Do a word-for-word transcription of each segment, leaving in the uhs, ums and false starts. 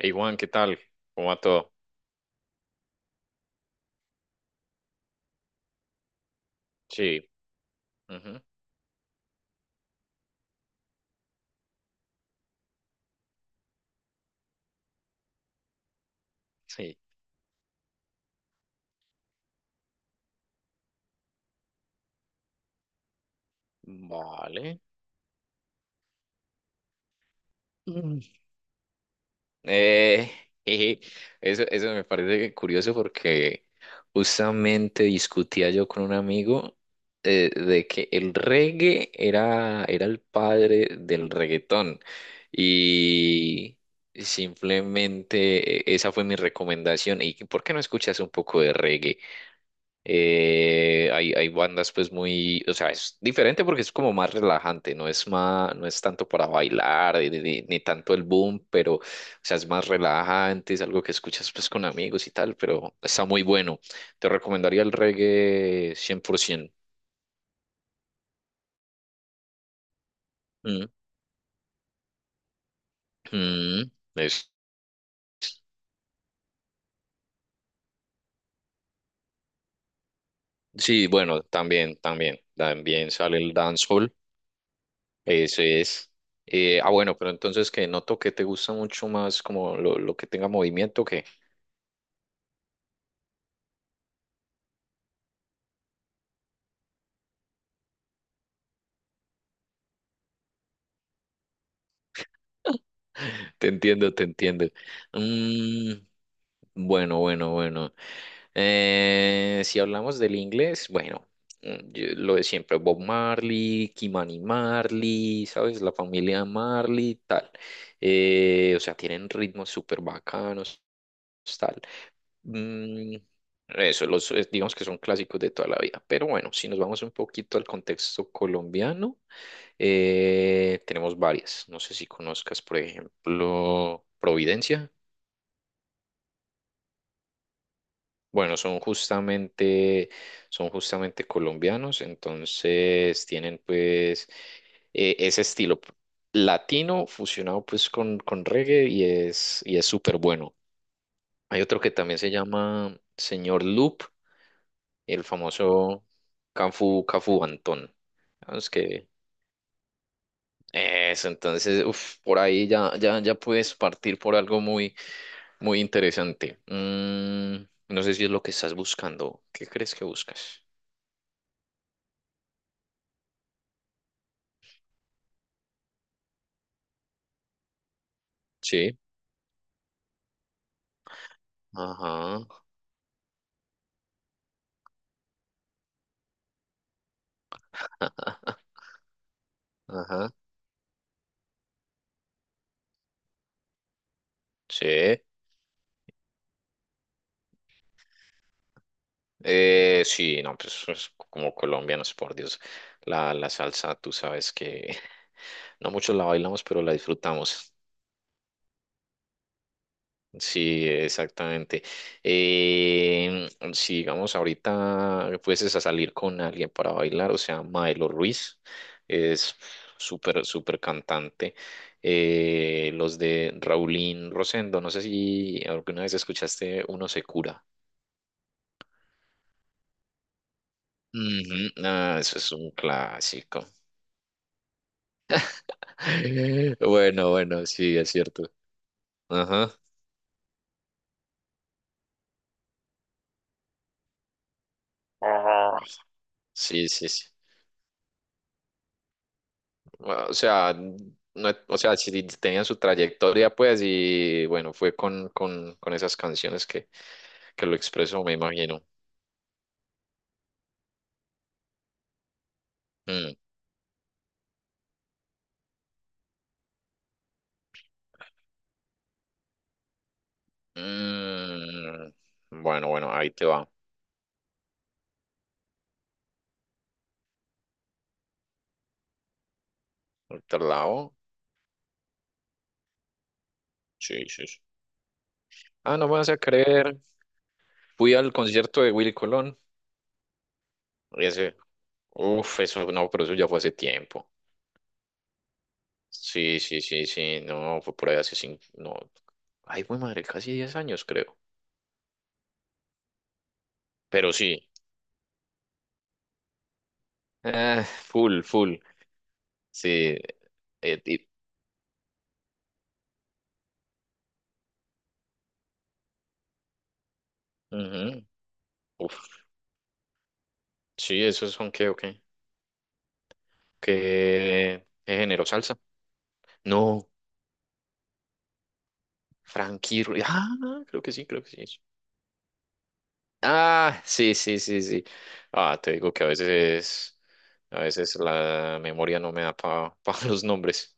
Hey Juan, ¿qué tal? ¿Cómo va todo? Sí, ujú, sí. Vale. Mm. Eh, jeje, Eso, eso me parece curioso porque justamente discutía yo con un amigo eh, de que el reggae era, era el padre del reggaetón y simplemente e, esa fue mi recomendación. ¿Y por qué no escuchas un poco de reggae? Eh, hay, hay bandas pues muy, o sea, es diferente porque es como más relajante, no es más, no es tanto para bailar ni, ni- ni tanto el boom, pero, o sea, es más relajante, es algo que escuchas pues con amigos y tal, pero está muy bueno. Te recomendaría el reggae cien por ciento. Mm, mm, es- sí, bueno, también, también, también sale el dancehall, ese es. Eh, ah, bueno, pero entonces que noto que te gusta mucho más como lo, lo que tenga movimiento. Te entiendo, te entiendo. Mm, bueno, bueno, bueno. Eh, si hablamos del inglés, bueno, mm, yo- lo de siempre, Bob Marley, Kimani Marley, ¿sabes? La familia Marley, tal. Eh, o sea, tienen ritmos súper bacanos, tal. Mm, eso, los, eh, digamos que son clásicos de toda la vida. Pero bueno, si nos vamos un poquito al contexto colombiano, eh, tenemos varias. No sé si conozcas, por ejemplo, Providencia. Bueno, son justamente, son justamente colombianos, entonces tienen pues eh, ese estilo latino fusionado pues con, con reggae y es, y es súper bueno. Hay otro que también se llama Señor Loop, el famoso Cafu, Cafu Antón. Vamos que eso, entonces, uf, por ahí ya, ya, ya puedes partir por algo muy, muy interesante. Mm, no sé si es lo que estás buscando. ¿Qué crees que buscas? Sí. Ajá. Ajá. Sí. Eh, sí, no, pues, pues, como colombianos, por Dios, la, la salsa, tú sabes que no muchos la bailamos, pero la disfrutamos. Sí, exactamente. Eh, si digamos ahorita fueses a salir con alguien para bailar, o sea, Maelo Ruiz es súper, súper cantante. Eh, los de Raulín Rosendo, no sé si alguna vez escuchaste Uno se cura. Ujú, ah, eso es un clásico. Bueno, bueno, sí, es cierto. Ajá. Ah. Sí, sí, sí. O sea, no, o sea, sí tenían su trayectoria, pues, y bueno, fue con, con, con esas canciones que, que lo expresó, me imagino. Mm, mm. Bueno, bueno, ahí te va. Otro lado. Sí, sí, sí. Ah, no me vas a creer. Fui al concierto de Willy Colón. Ese. Uf, eso no, pero eso ya fue hace tiempo. Sí, sí, sí, sí. No, fue por ahí hace cinco. No. Ay, güey, madre, casi diez años, creo. Pero sí. Eh, full, full. Sí, eh, y- ujú. Uf, sí, esos son que, ok, qué género salsa. No, Frankie Ru- Ah, creo que sí, creo que sí. es. Ah, sí, sí, sí, sí. Ah, te digo que a veces, a veces la memoria no me da para los nombres.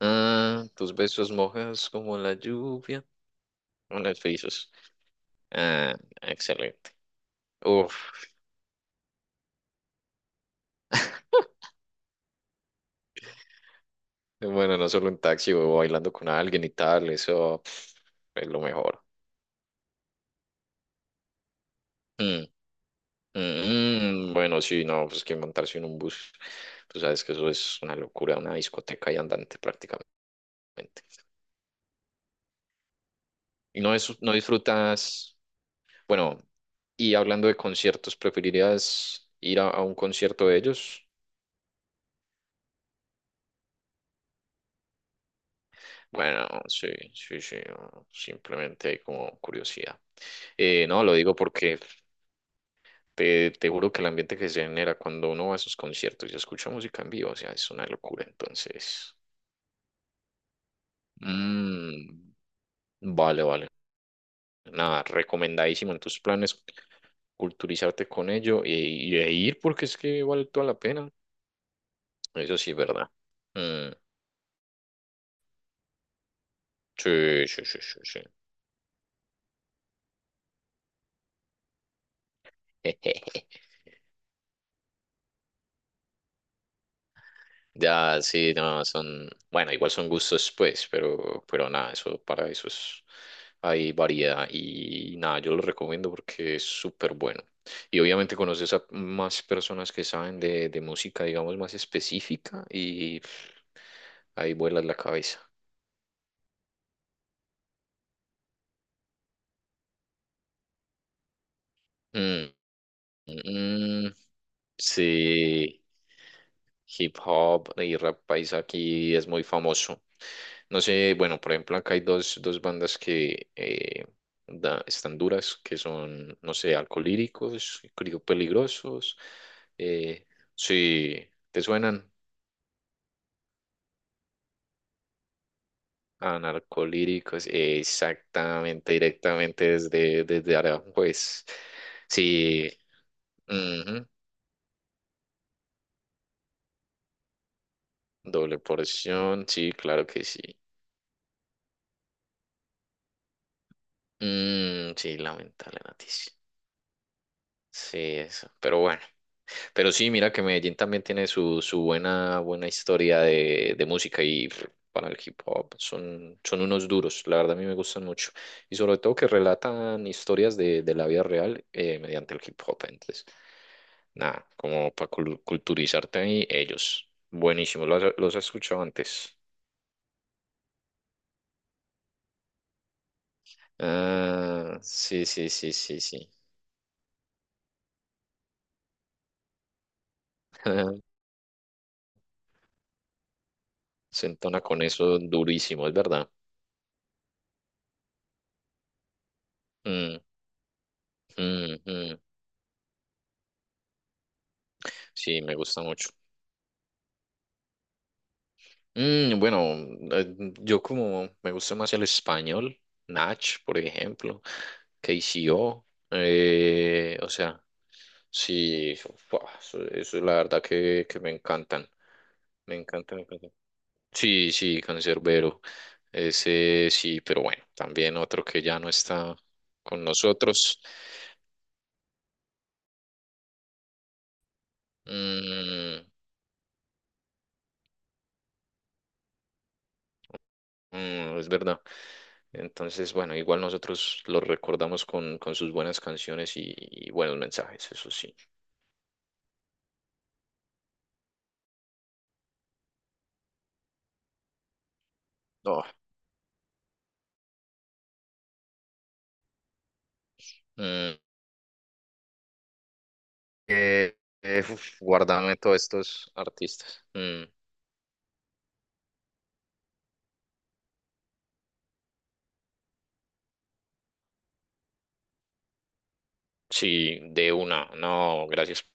Ah, tus besos mojados como la lluvia. Unos besos. Ah, excelente. Uf, bueno, no solo en taxi o bailando con alguien y tal, eso pf, es lo mejor. Mm, mm, mm, bueno, sí, no, pues que montarse en un bus, tú sabes que eso es una locura, una discoteca y andante prácticamente. Y no, es, no disfrutas, bueno, y hablando de conciertos, ¿preferirías ir a, a un concierto de ellos? Bueno, sí, sí, sí, no, simplemente como curiosidad. Eh, no, lo digo porque te, te juro que el ambiente que se genera cuando uno va a esos conciertos y escucha música en vivo, o sea, es una locura, entonces... Mm, vale, vale. Nada, recomendadísimo en tus planes, culturizarte con ello y, y e ir porque es que vale toda la pena. Eso sí es verdad. Mm, sí, sí, sí, sí, sí. Ya, sí, no, son, bueno, igual son gustos, pues, pero, pero nada, eso para eso es, hay variedad y nada, yo lo recomiendo porque es súper bueno. Y obviamente conoces a más personas que saben de, de música, digamos, más específica y pff, ahí vuelas la cabeza. Mm. Mm, sí, hip hop y rap paisa aquí es muy famoso. No sé, bueno, por ejemplo, acá hay dos, dos bandas que eh, da- están duras, que son, no sé, Alcolíricos, Crío Peligrosos. eh, sí, ¿te suenan? Anarcolíricos, eh, exactamente, directamente desde, desde Aranjuez. Sí, ujú, Doble porción, sí, claro que sí. Mm, sí, lamentable noticia. Sí, eso. Pero bueno. Pero sí, mira que Medellín también tiene su, su buena, buena historia de, de música y pff, para el hip hop son, son unos duros. La verdad a mí me gustan mucho. Y sobre todo que relatan historias de, de la vida real eh, mediante el hip hop. Entonces, nada, como para culturizarte ahí, ellos. Buenísimo. ¿Los, has- los has escuchado antes? Ah, sí, sí, sí, sí, sí. Se entona con eso durísimo, es verdad. Mm, mm, mm. Sí, me gusta mucho. Mm, bueno, eh, yo como me gusta más el español, Nach, por ejemplo, K C O, eh, o sea, sí, eso, fua, eso- eso es la verdad que, que me encantan, me encantan, me encantan. Sí, sí, Cancerbero, ese sí, pero bueno, también otro que ya no está con nosotros. Mm, mm, es verdad. Entonces, bueno, igual nosotros los recordamos con, con sus buenas canciones y, y buenos mensajes, eso sí. Oh, mm, eh, eh, uf, guárdame todos estos artistas. Mm, sí, de una. No, gracias.